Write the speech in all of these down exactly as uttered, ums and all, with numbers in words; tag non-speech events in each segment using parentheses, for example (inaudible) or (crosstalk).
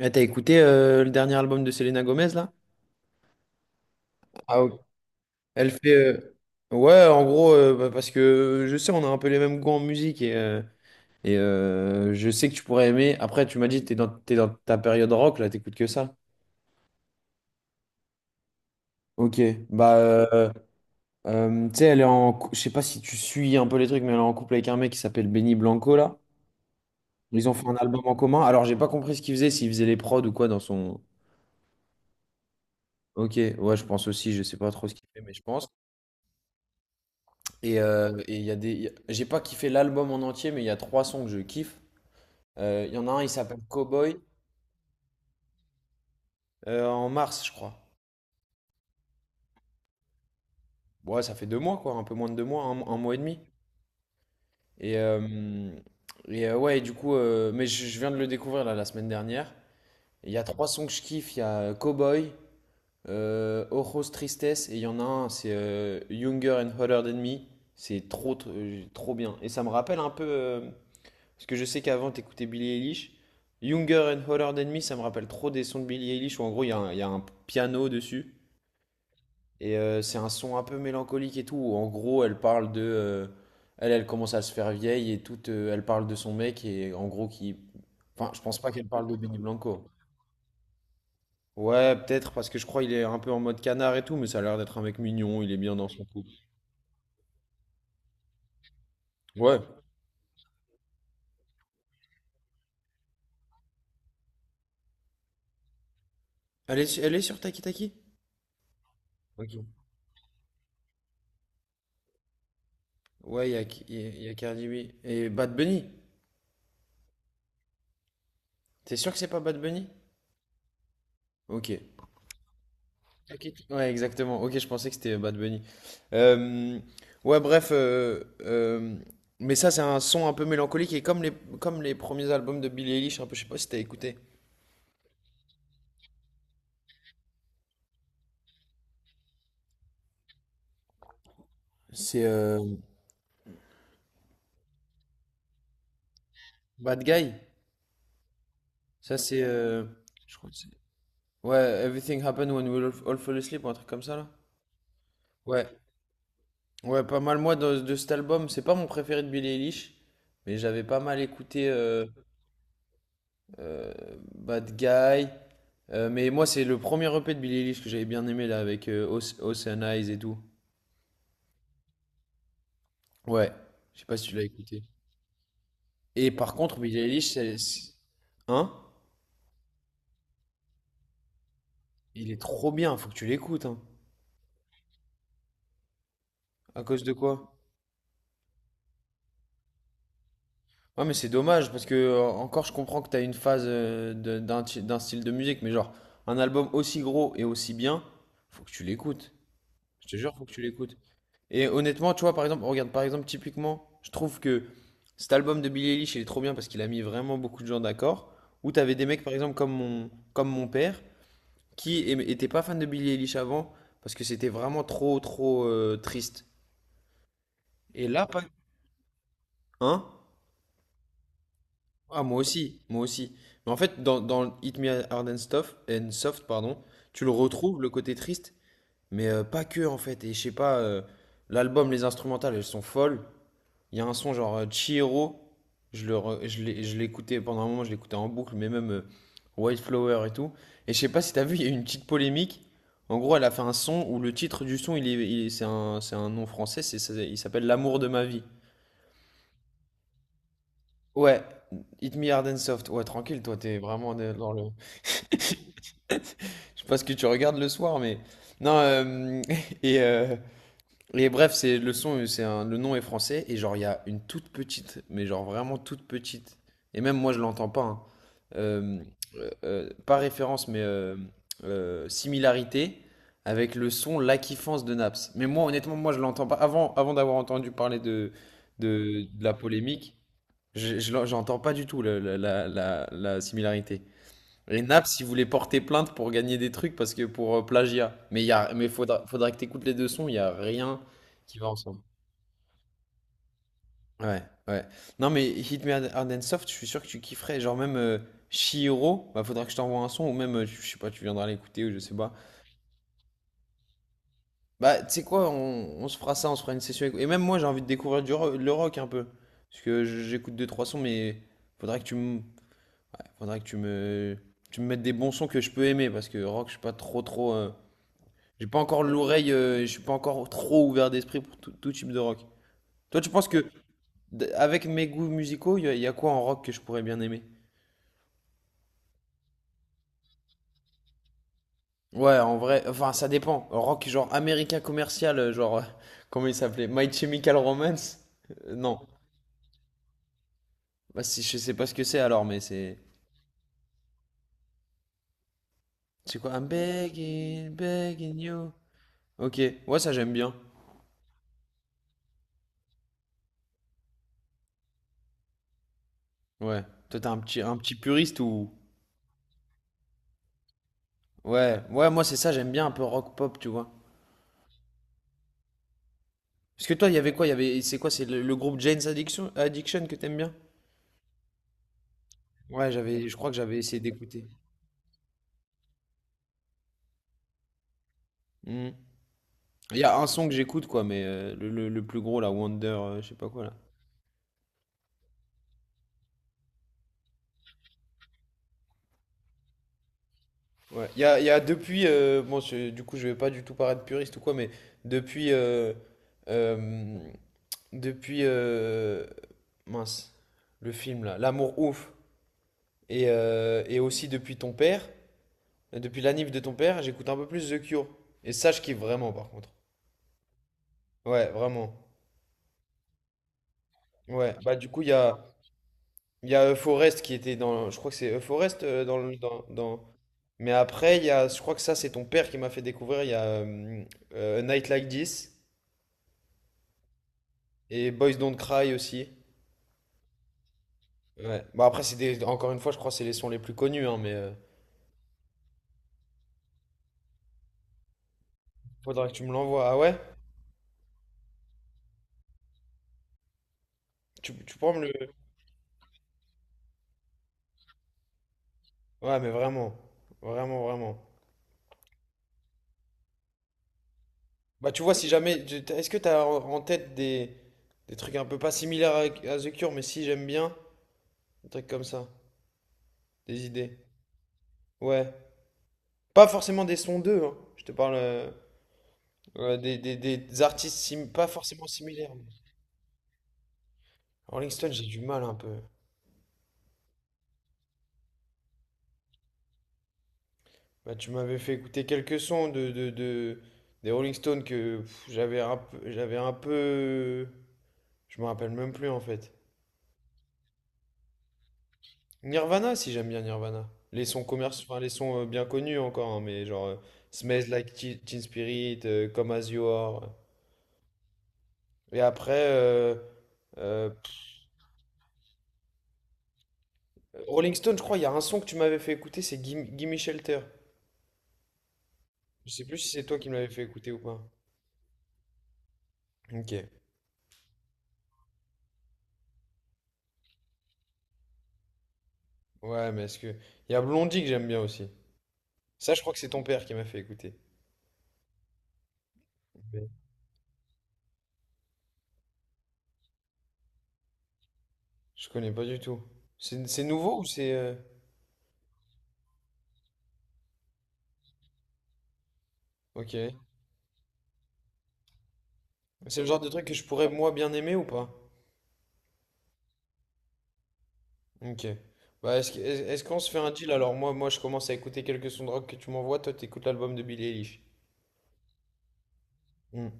Ah, t'as écouté euh, le dernier album de Selena Gomez là? Ah, ok. Elle fait. euh, Ouais, en gros, euh, bah, parce que je sais, on a un peu les mêmes goûts en musique et, euh, et euh, je sais que tu pourrais aimer. Après, tu m'as dit, t'es dans, t'es dans ta période rock là, t'écoutes que ça. Ok, bah, euh, euh, tu sais, elle est en. cou- Je sais pas si tu suis un peu les trucs, mais elle est en couple avec un mec qui s'appelle Benny Blanco là. Ils ont fait un album en commun. Alors, j'ai pas compris ce qu'ils faisaient, s'ils faisaient les prods ou quoi dans son. Ok, ouais, je pense aussi, je sais pas trop ce qu'il fait, mais je pense. Et euh, et il y a des. y a- J'ai pas kiffé l'album en entier, mais il y a trois sons que je kiffe. Euh, Il y en a un, il s'appelle Cowboy, euh, en mars, je crois. Ouais, ça fait deux mois, quoi, un peu moins de deux mois, un, un mois et demi. Et, euh, et euh, ouais, du coup, euh, mais je, je viens de le découvrir là, la semaine dernière. Il y a trois sons que je kiffe, il y a Cowboy, euh, Ojos Tristesse, et il y en a un, c'est euh, Younger and Hotter Than Me. C'est trop, tr- euh, trop bien. Et ça me rappelle un peu. euh, Parce que je sais qu'avant, t'écoutais Billie Eilish. Younger and Hotter Than Me, ça me rappelle trop des sons de Billie Eilish où en gros, il y, a un- il y a un piano dessus. Et euh, c'est un son un peu mélancolique et tout. Où en gros, elle parle de. euh, elle, elle commence à se faire vieille et tout. euh, elle parle de son mec et en gros, qui. Enfin, je pense pas qu'elle parle de Benny Blanco. Ouais, peut-être parce que je crois qu'il est un peu en mode canard et tout, mais ça a l'air d'être un mec mignon, il est bien dans son couple. Ouais. Elle est, su- elle est sur Taki Taki? Ok. Ouais, il y a, il y a- il y a Cardi B. Et Bad Bunny. T'es sûr que c'est pas Bad Bunny? Ok. Ok. Ouais, exactement. Ok, je pensais que c'était Bad Bunny. Euh, ouais, bref. euh, euh, mais ça, c'est un son un peu mélancolique et comme les, comme les premiers albums de Billie Eilish, un peu, je sais pas si t'as écouté. C'est euh, Bad Guy. Ça, c'est. euh, je crois que c'est. Ouais, Everything Happened When We All All Fell Asleep ou un truc comme ça, là. Ouais. Ouais, pas mal. Moi, de, de cet album, c'est pas mon préféré de Billie Eilish, mais j'avais pas mal écouté. euh, euh, Bad Guy. Euh, mais moi, c'est le premier E P de Billie Eilish que j'avais bien aimé là avec euh, Oce- Ocean Eyes et tout. Ouais, je sais pas si tu l'as écouté. Et par contre, Billie Eilish, c'est- c'est- hein? Il est trop bien, faut que tu l'écoutes. Hein. À cause de quoi? Ouais, mais c'est dommage parce que euh, encore, je comprends que t'as une phase euh, de- d'un ti- d'un style de musique, mais genre un album aussi gros et aussi bien, faut que tu l'écoutes. Je te jure, faut que tu l'écoutes. Et honnêtement, tu vois, par exemple, regarde, par exemple, typiquement, je trouve que cet album de Billie Eilish, il est trop bien parce qu'il a mis vraiment beaucoup de gens d'accord. Où t'avais des mecs, par exemple, comme mon, comme mon père, qui aimait- étaient pas fan de Billie Eilish avant parce que c'était vraiment trop, trop euh, triste. Et là, pas... Hein? Ah, moi aussi, moi aussi. Mais en fait, dans, dans Hit Me Hard and Stuff, and Soft, pardon, tu le retrouves, le côté triste, mais euh, pas que, en fait. Et je sais pas, euh, l'album, les instrumentales, elles sont folles. Il y a un son genre euh, Chihiro, je le re- je l'ai- je l'écoutais pendant un moment, je l'écoutais en boucle, mais même euh, White Flower et tout. Et je sais pas si t'as vu, il y a eu une petite polémique. En gros, elle a fait un son où le titre du son, il est, il est- c'est un, c'est un nom français, c'est, ça- il s'appelle L'amour de ma vie. Ouais, Hit Me Hard and Soft. Ouais, tranquille, toi, t'es vraiment de- dans le. (laughs) Je sais pas ce que tu regardes le soir, mais. Non, euh, (laughs) et, euh, Et bref, c'est le son, c'est un- le nom est français et genre il y a une toute petite, mais genre vraiment toute petite. Et même moi je l'entends pas. Hein. Euh, euh, euh, pas référence, mais euh, euh, similarité avec le son La Kiffance de Naps. Mais moi honnêtement, moi je l'entends pas. Avant, avant d'avoir entendu parler de, de, de la polémique, je, je l'en- j'entends pas du tout le- la, la, la, la similarité. Les nappes, si vous voulez porter plainte pour gagner des trucs, parce que pour euh, plagiat. Mais il y a, mais faudra, faudra que t'écoutes les deux sons, il y a rien qui va ensemble. Ouais, ouais. Non, mais Hit Me Hard Hard and Soft, je suis sûr que tu kifferais. Genre même euh, Chihiro, bah faudra que je t'envoie un son, ou même, euh, je sais pas, tu viendras l'écouter, ou je sais pas. Bah, tu sais quoi, on, on se fera ça, on se fera une session. éco- Et même moi, j'ai envie de découvrir du ro- le rock un peu. Parce que je- j'écoute deux, trois sons, mais faudra que tu me, faudra que tu me, tu me mettes des bons sons que je peux aimer, parce que rock, je suis pas trop, trop... euh, J'ai pas encore l'oreille, euh, je suis pas encore trop ouvert d'esprit pour tout, tout type de rock. Toi, tu penses que, d- avec mes goûts musicaux, il y, a- y a quoi en rock que je pourrais bien aimer? Ouais, en vrai, enfin, ça dépend. Rock genre américain commercial, euh, genre, euh, (laughs) comment il s'appelait? My Chemical Romance? Euh, non. Bah, si, je sais pas ce que c'est alors, mais c'est. C'est quoi? I'm begging, begging you. Ok, ouais, ça j'aime bien. Ouais. Toi, t'es un petit, un petit puriste ou. Ouais, ouais, moi c'est ça, j'aime bien un peu rock pop, tu vois. Parce que toi, il y avait quoi? Il y avait, c'est quoi? C'est le, le groupe Jane's Addiction, Addiction que t'aimes bien? Ouais, j'avais, je crois que j'avais essayé d'écouter. Hmm. Il y a un son que j'écoute, quoi, mais euh, le, le- le plus gros, là, Wonder, euh, je sais pas quoi, là. Ouais, il y a, il y a depuis, euh, bon, je- du coup, je vais pas du tout paraître puriste ou quoi, mais depuis, euh, euh, depuis, euh, mince, le film, là, L'amour ouf, et, euh, et aussi depuis ton père, depuis la nif de ton père, j'écoute un peu plus The Cure. Et ça, je kiffe vraiment, par contre. Ouais, vraiment. Ouais, bah du coup, il y a, il y a Euforest qui était dans. Je crois que c'est Euforest euh, dans, le- dans, dans- Mais après, il y a. Je crois que ça, c'est ton père qui m'a fait découvrir. Il y a euh, euh, A Night Like This et Boys Don't Cry aussi. Ouais. Bah après, c'est des... encore une fois, je crois que c'est les sons les plus connus, hein, mais euh, faudra que tu me l'envoies. Ah ouais? Tu, tu pourras me le. Ouais, mais vraiment. Vraiment, vraiment. Bah tu vois, si jamais. tu- Est-ce que t'as en en tête des, des trucs un peu pas similaires à, à The Cure, mais si j'aime bien? Des trucs comme ça. Des idées. Ouais. Pas forcément des sons d'eux, hein. Je te parle euh, euh, des, des- des artistes sim- pas forcément similaires. Mais Rolling Stone, j'ai du mal un peu. Bah, tu m'avais fait écouter quelques sons de, de- de- des Rolling Stones que pff, j'avais un peu, j'avais un peu... Je me rappelle même plus en fait. Nirvana, si j'aime bien Nirvana. Les sons commerciaux, enfin, les sons euh, bien connus encore, hein, mais genre euh, Smells Like Teen Teen Spirit, euh, Come As You Are. Et après, euh, euh, Rolling Stone, je crois, il y a un son que tu m'avais fait écouter, c'est Gimme Gimme Shelter. Je sais plus si c'est toi qui me l'avais fait écouter ou pas. Ok. Ouais, mais est-ce que. Il y a Blondie que j'aime bien aussi. Ça, je crois que c'est ton père qui m'a fait écouter. Mais je connais pas du tout. C'est c'est nouveau ou c'est. euh, Ok. C'est le genre de truc que je pourrais moi bien aimer ou pas? Ok. Bah, est-ce que- est- est-ce qu'on se fait un deal alors? Moi, moi, je commence à écouter quelques sons de rock que tu m'envoies. Toi, t'écoutes l'album de Billie Eilish. Hmm.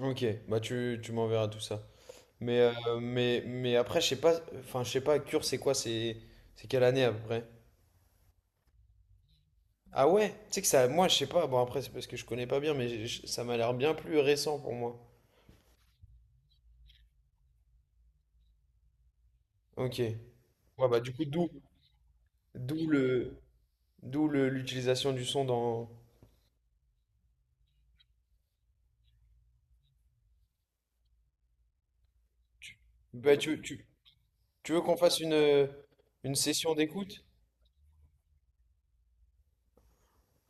Ok. Bah, tu, tu m'enverras tout ça. Mais, euh, mais, mais après, je sais pas. Enfin, je sais pas, Cure, c'est quoi? C'est c'est quelle année à peu près? Ah ouais? Tu sais que ça, moi, je sais pas. Bon, après, c'est parce que je connais pas bien, mais j'ai- j'- ça m'a l'air bien plus récent pour moi. Ok. Ouais, bah, du coup, d'où, d'où le, d'où le- l'utilisation du son dans. Bah, tu, tu, tu veux qu'on fasse une, euh, une session d'écoute?